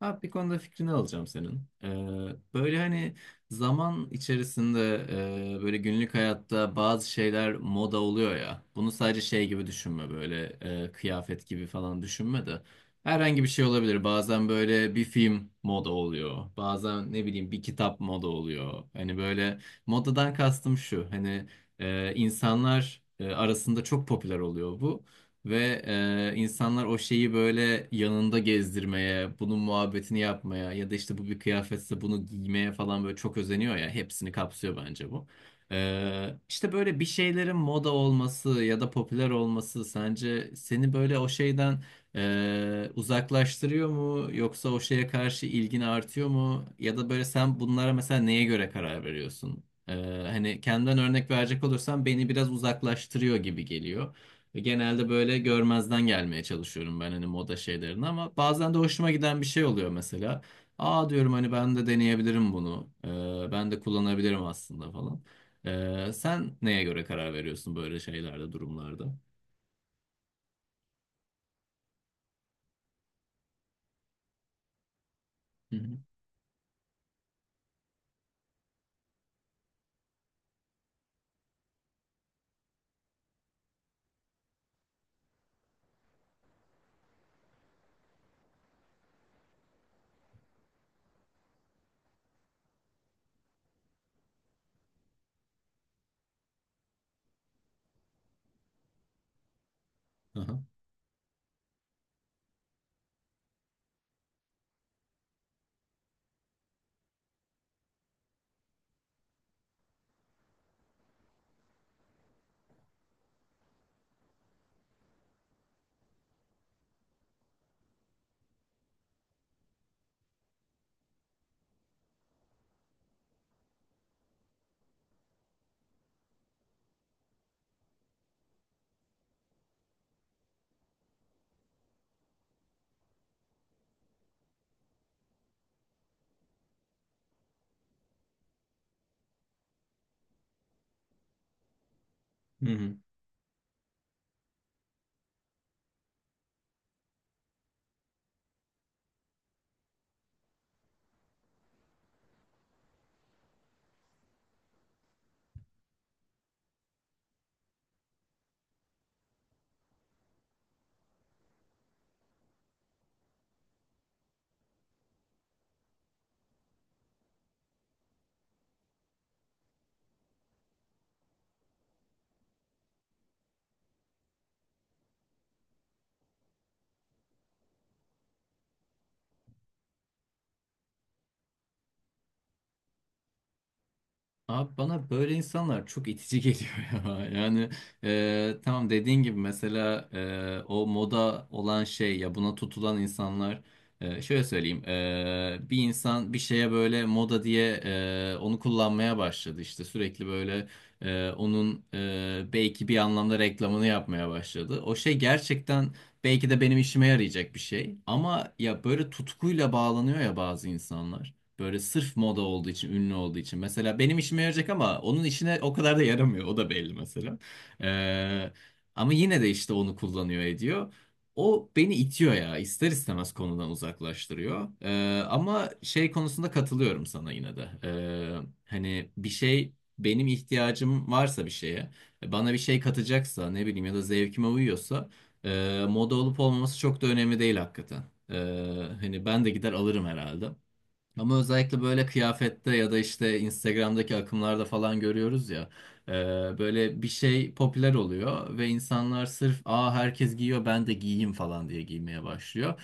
Abi bir konuda fikrini alacağım senin. Böyle hani zaman içerisinde böyle günlük hayatta bazı şeyler moda oluyor ya. Bunu sadece şey gibi düşünme, böyle kıyafet gibi falan düşünme de. Herhangi bir şey olabilir. Bazen böyle bir film moda oluyor. Bazen ne bileyim bir kitap moda oluyor. Hani böyle modadan kastım şu. Hani insanlar arasında çok popüler oluyor bu. Ve insanlar o şeyi böyle yanında gezdirmeye, bunun muhabbetini yapmaya ya da işte bu bir kıyafetse bunu giymeye falan böyle çok özeniyor ya. Hepsini kapsıyor bence bu. İşte böyle bir şeylerin moda olması ya da popüler olması sence seni böyle o şeyden uzaklaştırıyor mu? Yoksa o şeye karşı ilgin artıyor mu? Ya da böyle sen bunlara mesela neye göre karar veriyorsun? Hani kendimden örnek verecek olursam beni biraz uzaklaştırıyor gibi geliyor. Ve genelde böyle görmezden gelmeye çalışıyorum ben, hani moda şeylerini, ama bazen de hoşuma giden bir şey oluyor mesela. Aa diyorum, hani ben de deneyebilirim bunu. Ben de kullanabilirim aslında falan. Sen neye göre karar veriyorsun böyle şeylerde, durumlarda? Hı hı. Aha. Hı hı. Abi bana böyle insanlar çok itici geliyor ya. Yani tamam, dediğin gibi mesela o moda olan şey ya, buna tutulan insanlar, şöyle söyleyeyim, bir insan bir şeye böyle moda diye onu kullanmaya başladı, işte sürekli böyle onun belki bir anlamda reklamını yapmaya başladı. O şey gerçekten belki de benim işime yarayacak bir şey, ama ya böyle tutkuyla bağlanıyor ya bazı insanlar. Böyle sırf moda olduğu için, ünlü olduğu için. Mesela benim işime yarayacak ama onun işine o kadar da yaramıyor. O da belli mesela. Ee, Ama yine de işte onu kullanıyor ediyor. O beni itiyor ya. İster istemez konudan uzaklaştırıyor. Ama şey konusunda katılıyorum sana yine de. Hani bir şey, benim ihtiyacım varsa bir şeye, bana bir şey katacaksa, ne bileyim, ya da zevkime uyuyorsa moda olup olmaması çok da önemli değil hakikaten. Ee, Hani ben de gider alırım herhalde. Ama özellikle böyle kıyafette ya da işte Instagram'daki akımlarda falan görüyoruz ya. e, Böyle bir şey popüler oluyor ve insanlar sırf aa herkes giyiyor ben de giyeyim falan diye giymeye başlıyor.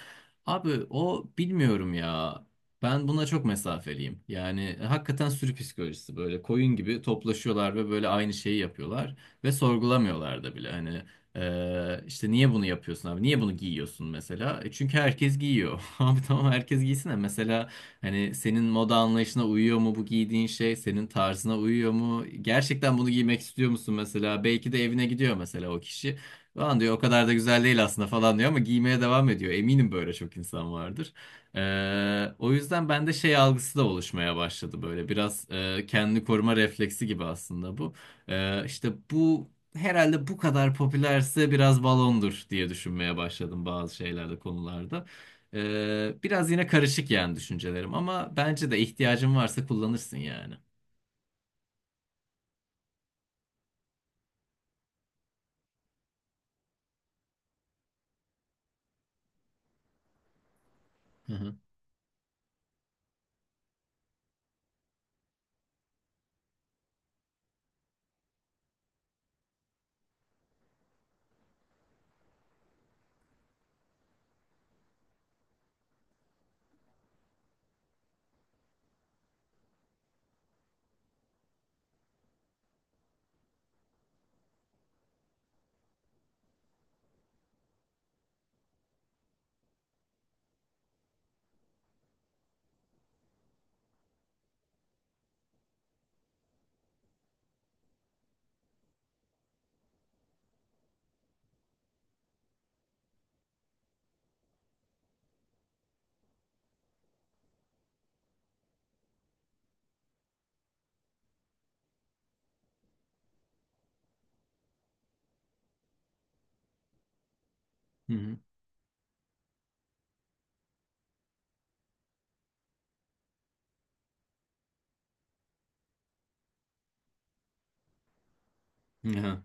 Abi o, bilmiyorum ya. Ben buna çok mesafeliyim. Yani hakikaten sürü psikolojisi, böyle koyun gibi toplaşıyorlar ve böyle aynı şeyi yapıyorlar ve sorgulamıyorlar da bile. Hani işte niye bunu yapıyorsun abi? Niye bunu giyiyorsun mesela? E çünkü herkes giyiyor. Abi tamam, herkes giysin de mesela, hani senin moda anlayışına uyuyor mu bu giydiğin şey? Senin tarzına uyuyor mu? Gerçekten bunu giymek istiyor musun mesela? Belki de evine gidiyor mesela o kişi. Lan diyor, o kadar da güzel değil aslında falan diyor ama giymeye devam ediyor. Eminim böyle çok insan vardır. O yüzden bende şey algısı da oluşmaya başladı böyle. Biraz kendini koruma refleksi gibi aslında bu. İşte bu, herhalde bu kadar popülerse biraz balondur diye düşünmeye başladım bazı şeylerde, konularda. Biraz yine karışık yani düşüncelerim, ama bence de ihtiyacın varsa kullanırsın yani. Hı hı. Hı hı.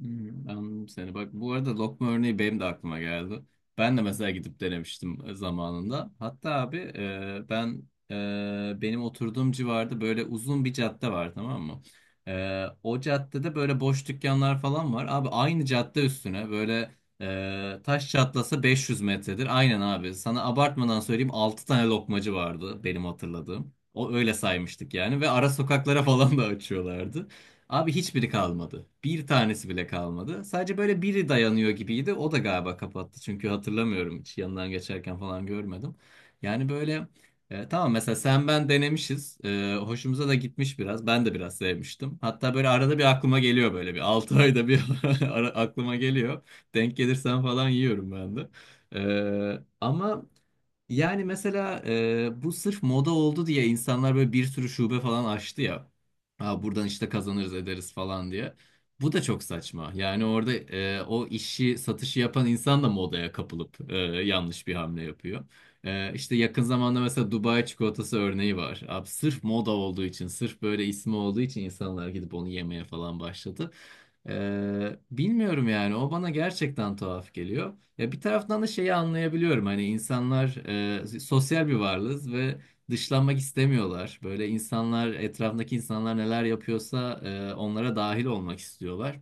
Hmm, anladım seni. Bak, bu arada lokma örneği benim de aklıma geldi. Ben de mesela gidip denemiştim zamanında. Hatta abi, ben, benim oturduğum civarda böyle uzun bir cadde var, tamam mı? E, o caddede böyle boş dükkanlar falan var. Abi aynı cadde üstüne böyle taş çatlasa 500 metredir. Aynen abi. Sana abartmadan söyleyeyim, 6 tane lokmacı vardı benim hatırladığım. O öyle saymıştık yani, ve ara sokaklara falan da açıyorlardı. Abi hiçbiri kalmadı. Bir tanesi bile kalmadı. Sadece böyle biri dayanıyor gibiydi. O da galiba kapattı. Çünkü hatırlamıyorum, hiç yanından geçerken falan görmedim. Yani böyle, tamam mesela sen ben denemişiz. E, hoşumuza da gitmiş biraz. Ben de biraz sevmiştim. Hatta böyle arada bir aklıma geliyor, böyle bir 6 ayda bir aklıma geliyor. Denk gelirsen falan yiyorum ben de. Ama yani mesela bu sırf moda oldu diye insanlar böyle bir sürü şube falan açtı ya. Aa, buradan işte kazanırız ederiz falan diye. Bu da çok saçma. Yani orada o işi, satışı yapan insan da modaya kapılıp yanlış bir hamle yapıyor. İşte yakın zamanda mesela Dubai çikolatası örneği var. Abi sırf moda olduğu için, sırf böyle ismi olduğu için insanlar gidip onu yemeye falan başladı. Bilmiyorum yani, o bana gerçekten tuhaf geliyor. Ya bir taraftan da şeyi anlayabiliyorum. Hani insanlar, sosyal bir varlığız ve dışlanmak istemiyorlar. Böyle insanlar, etrafındaki insanlar neler yapıyorsa onlara dahil olmak istiyorlar.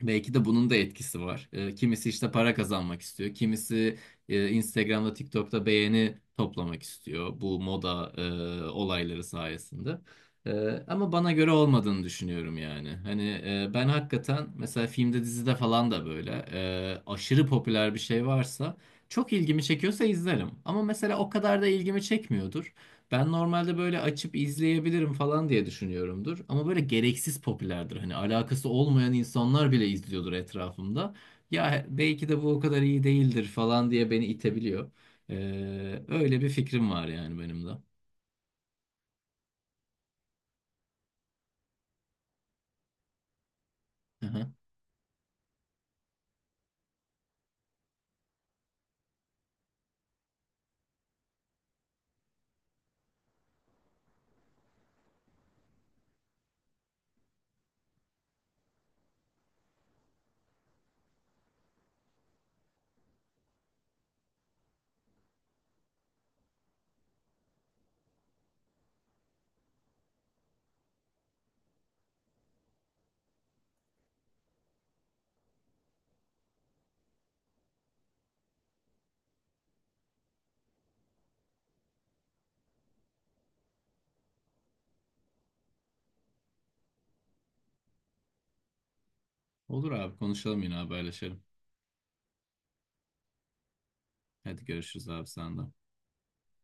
Belki de bunun da etkisi var. E, kimisi işte para kazanmak istiyor. Kimisi Instagram'da, TikTok'ta beğeni toplamak istiyor bu moda olayları sayesinde. E, Ama bana göre olmadığını düşünüyorum yani. Hani ben hakikaten mesela filmde, dizide falan da böyle aşırı popüler bir şey varsa, çok ilgimi çekiyorsa, izlerim. Ama mesela o kadar da ilgimi çekmiyordur. Ben normalde böyle açıp izleyebilirim falan diye düşünüyorumdur. Ama böyle gereksiz popülerdir. Hani alakası olmayan insanlar bile izliyordur etrafımda. Ya belki de bu o kadar iyi değildir falan diye beni itebiliyor. Öyle bir fikrim var yani benim de. Aha. Olur abi, konuşalım, yine haberleşelim. Hadi görüşürüz abi, senden.